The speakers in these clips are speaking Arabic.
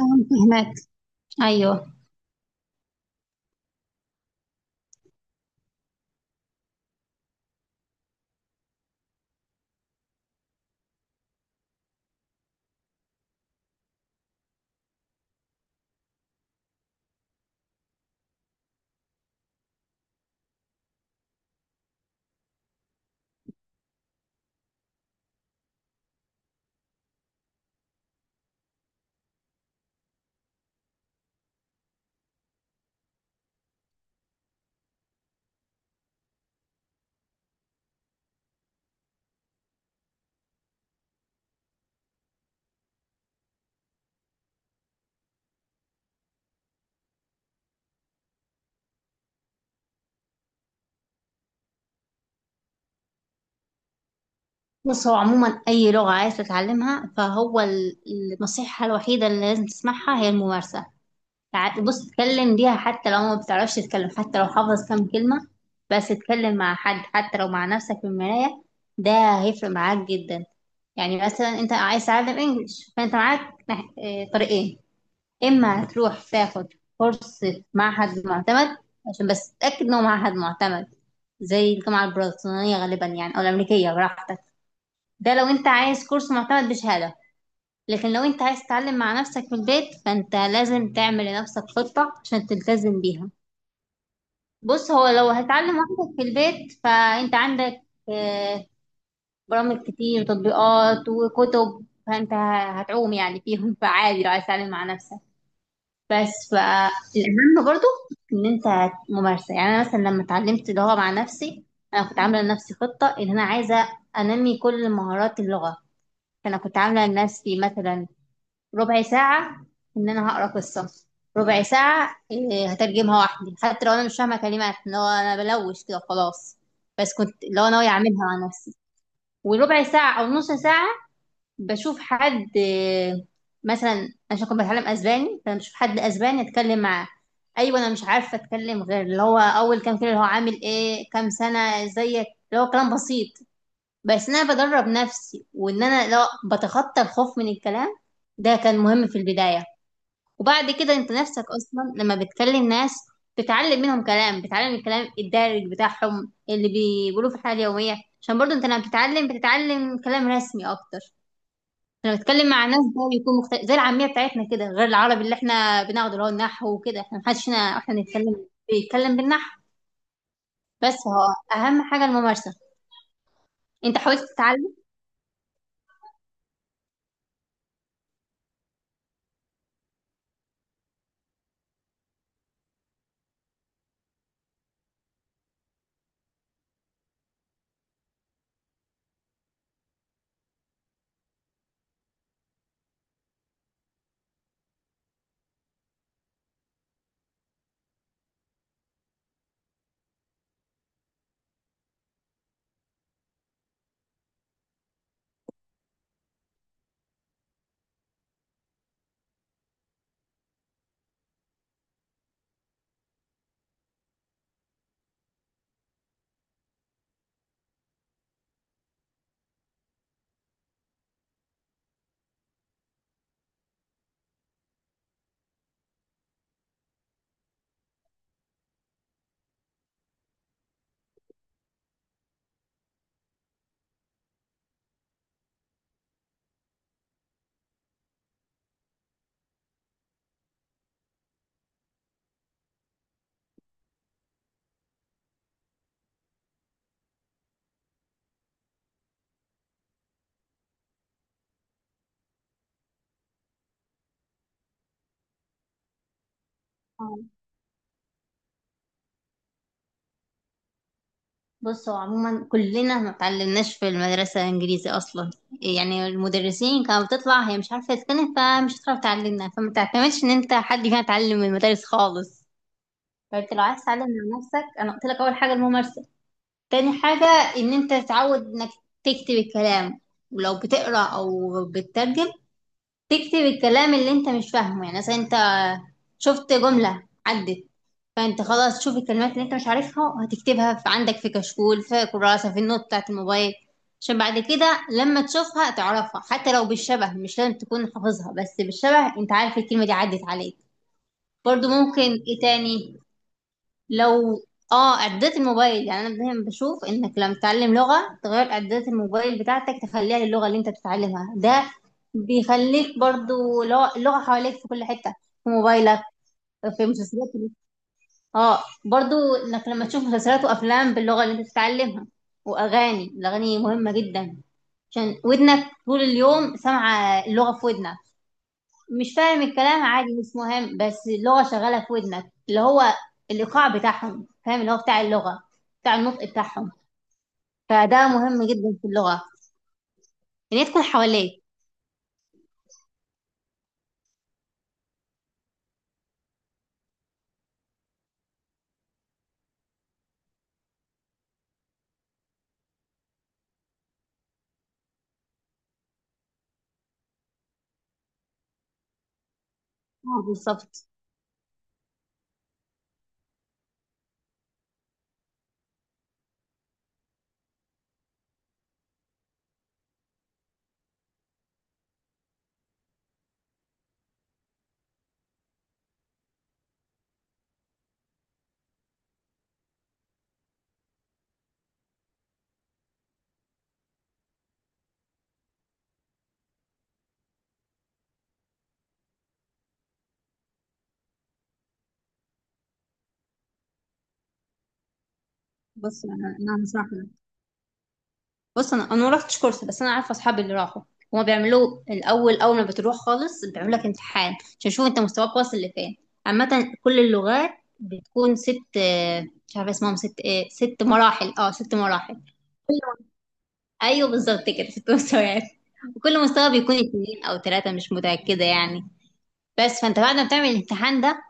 أنا فهمك. ايوه، بص، هو عموما اي لغه عايز تتعلمها النصيحه الوحيده اللي لازم تسمعها هي الممارسه. بص، اتكلم بيها حتى لو ما بتعرفش تتكلم، حتى لو حافظ كام كلمه بس اتكلم مع حد، حتى لو مع نفسك في المرايه. ده هيفرق معاك جدا. يعني مثلا انت عايز تتعلم انجليش، فانت معاك طريقين. اما هتروح تاخد فرصة معهد معتمد، عشان بس تتأكد انه معهد معتمد، زي الجامعة البريطانية غالبا يعني او الامريكية، براحتك. ده لو انت عايز كورس معتمد بشهادة. لكن لو انت عايز تتعلم مع نفسك في البيت، فانت لازم تعمل لنفسك خطة عشان تلتزم بيها. بص، هو لو هتتعلم وحدك في البيت فانت عندك آه، برامج كتير وتطبيقات وكتب، فانت هتعوم يعني فيهم، فعادي لو عايز تتعلم مع نفسك. بس فالأهم برضو إن أنت ممارسة. يعني أنا مثلا لما اتعلمت اللغة مع نفسي أنا كنت عاملة لنفسي خطة إن أنا عايزة أنمي كل مهارات اللغة. فأنا كنت عاملة لنفسي مثلا ربع ساعة إن أنا هقرأ قصة، ربع ساعة هترجمها وحدي، حتى لو أنا مش فاهمة كلمات لو أنا بلوش كده خلاص، بس كنت لو أنا ناوية أعملها مع نفسي. وربع ساعة أو نص ساعة بشوف حد مثلا عشان كنت بتعلم اسباني، فانا بشوف حد اسباني اتكلم معاه. ايوه، انا مش عارفه اتكلم غير اللي هو اول كام كلمه، اللي هو عامل ايه، كام سنه زيك، اللي هو كلام بسيط. بس ان انا بدرب نفسي، وان انا لو بتخطى الخوف من الكلام، ده كان مهم في البدايه. وبعد كده انت نفسك اصلا لما بتكلم ناس بتتعلم منهم كلام، بتتعلم الكلام الدارج بتاعهم اللي بيقولوه في الحياه اليوميه. عشان برضو انت لما بتتعلم كلام رسمي اكتر. انا بتكلم مع ناس بقى بيكون مختلف، زي العاميه بتاعتنا كده غير العربي اللي احنا بناخده اللي هو النحو وكده. احنا محدش هنا احنا بنتكلم بيتكلم بالنحو. بس هو اهم حاجه الممارسه. انت حاولت تتعلم؟ آه. بص، هو عموما كلنا ما اتعلمناش في المدرسه انجليزي اصلا. يعني المدرسين كانت بتطلع هي مش عارفه تتكلم، فمش هتعرف تعلمنا، فما تعتمدش ان انت حد فينا اتعلم من المدارس خالص. فانت لو عايز تتعلم مع نفسك، انا قلت لك اول حاجه الممارسه. تاني حاجة إن أنت تتعود إنك تكتب الكلام، ولو بتقرأ أو بتترجم تكتب الكلام اللي أنت مش فاهمه. يعني مثلا أنت شفت جملة عدت، فأنت خلاص تشوف الكلمات اللي أنت مش عارفها هتكتبها في عندك، في كشكول، في كراسة، في النوت بتاعة الموبايل، عشان بعد كده لما تشوفها تعرفها حتى لو بالشبه. مش لازم تكون حافظها، بس بالشبه أنت عارف الكلمة دي عدت عليك. برضو ممكن إيه تاني؟ لو اه اعدادات الموبايل، يعني انا دايما بشوف انك لما تتعلم لغه تغير اعدادات الموبايل بتاعتك تخليها للغه اللي انت بتتعلمها. ده بيخليك برضو اللغه حواليك في كل حته، في موبايلك، في مسلسلات. اه. برضو انك لما تشوف مسلسلات وافلام باللغه اللي انت بتتعلمها واغاني، الاغاني مهمه جدا عشان ودنك طول اليوم سامعه اللغه في ودنك. مش فاهم الكلام عادي، مش مهم، بس اللغة شغالة في ودنك اللي هو الإيقاع بتاعهم، فاهم، اللي هو بتاع اللغة بتاع النطق بتاعهم. فده مهم جدا في اللغة إن هي تكون حواليك. اه، بالظبط. بص، انا هشرح لك. بص، انا ما رحتش كورس، بس انا عارفه اصحابي اللي راحوا. هما بيعملوا الاول، اول ما بتروح خالص بيعملوا لك امتحان عشان يشوفوا انت مستواك واصل لفين. عامه كل اللغات بتكون ست، مش عارفه اسمهم، ست ايه، ست مراحل، اه ست مراحل. ايوه، بالظبط كده، ست مستويات. وكل مستوى بيكون اتنين او تلاتة، مش متأكدة يعني. بس فانت بعد ما بتعمل الامتحان ده،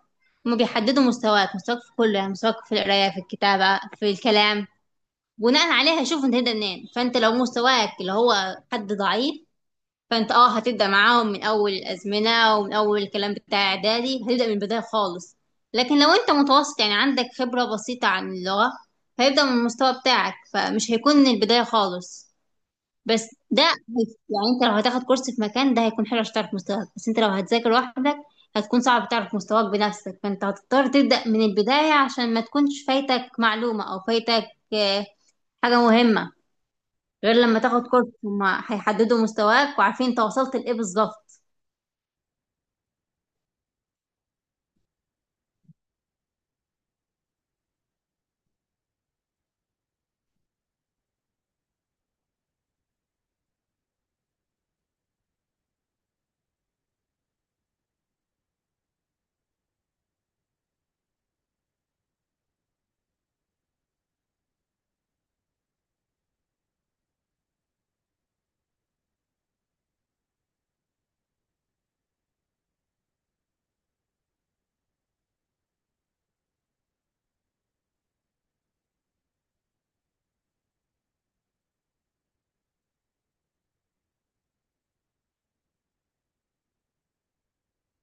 هما بيحددوا مستواك، مستواك في كله، يعني مستواك في القراية، في الكتابة، في الكلام. بناء عليها يشوفوا انت هتبدأ منين. فانت لو مستواك اللي هو حد ضعيف، فانت هتبدأ معاهم من اول الازمنة ومن اول الكلام بتاع اعدادي، هتبدأ من البداية خالص. لكن لو انت متوسط يعني عندك خبرة بسيطة عن اللغة، هيبدأ من المستوى بتاعك، فمش هيكون من البداية خالص. بس ده يعني انت لو هتاخد كورس في مكان ده هيكون حلو عشان تعرف مستواك. بس انت لو هتذاكر لوحدك هتكون صعب تعرف مستواك بنفسك، فانت هتضطر تبدأ من البداية عشان ما تكونش فايتك معلومة او فايتك آه، حاجة مهمة. غير لما تاخد كورس هما هيحددوا مستواك وعارفين انت وصلت لإيه بالظبط.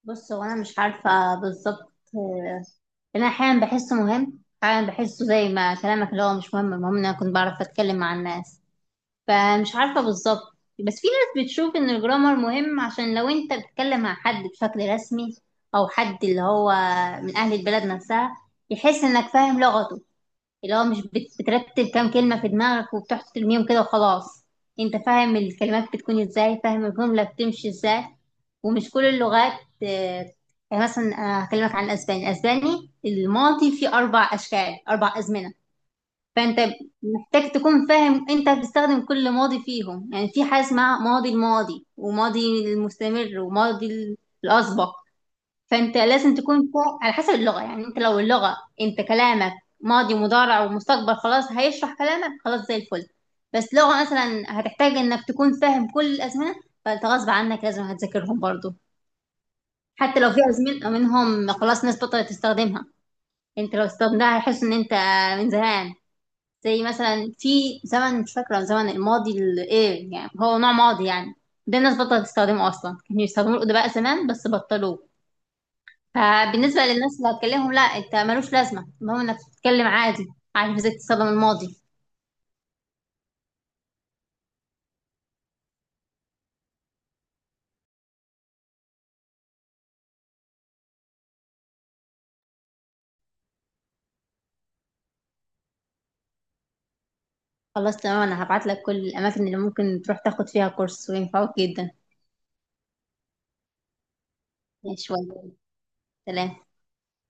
بص، هو انا مش عارفة بالظبط انا احيانا بحسه مهم، احيانا بحسه زي ما كلامك اللي هو مش مهم، المهم إن انا كنت بعرف اتكلم مع الناس. فمش عارفة بالظبط، بس في ناس بتشوف ان الجرامر مهم، عشان لو انت بتتكلم مع حد بشكل رسمي او حد اللي هو من اهل البلد نفسها يحس انك فاهم لغته، اللي هو مش بترتب كام كلمة في دماغك وبتحط ترميهم كده وخلاص. انت فاهم الكلمات بتكون ازاي، فاهم الجملة بتمشي ازاي. ومش كل اللغات آه، يعني مثلا انا هكلمك عن الاسباني. الاسباني الماضي فيه اربع اشكال، اربع ازمنة. فانت محتاج تكون فاهم انت بتستخدم كل ماضي فيهم، يعني في حاجه اسمها ماضي الماضي، وماضي المستمر، وماضي الاسبق. فانت لازم تكون فوق على حسب اللغه، يعني انت لو اللغه انت كلامك ماضي ومضارع ومستقبل خلاص هيشرح كلامك، خلاص زي الفل. بس لغه مثلا هتحتاج انك تكون فاهم كل الازمنه، فانت غصب عنك لازم هتذاكرهم برضو. حتى لو في ازمنه منهم خلاص ناس بطلت تستخدمها، انت لو استخدمتها هيحس ان انت من زمان. زي مثلا في زمن، مش فاكرة زمن الماضي ايه، يعني هو نوع ماضي يعني، ده الناس بطلت تستخدمه اصلا، كانوا يستخدموا الادباء زمان بس بطلوه. فبالنسبة للناس اللي هتكلمهم لا، انت ملوش لازمة، المهم انك تتكلم عادي عارف ازاي تستخدم الماضي. خلاص، تمام. انا هبعت لك كل الاماكن اللي ممكن تروح تاخد فيها كورس وينفعوك جدا. شوية. سلام.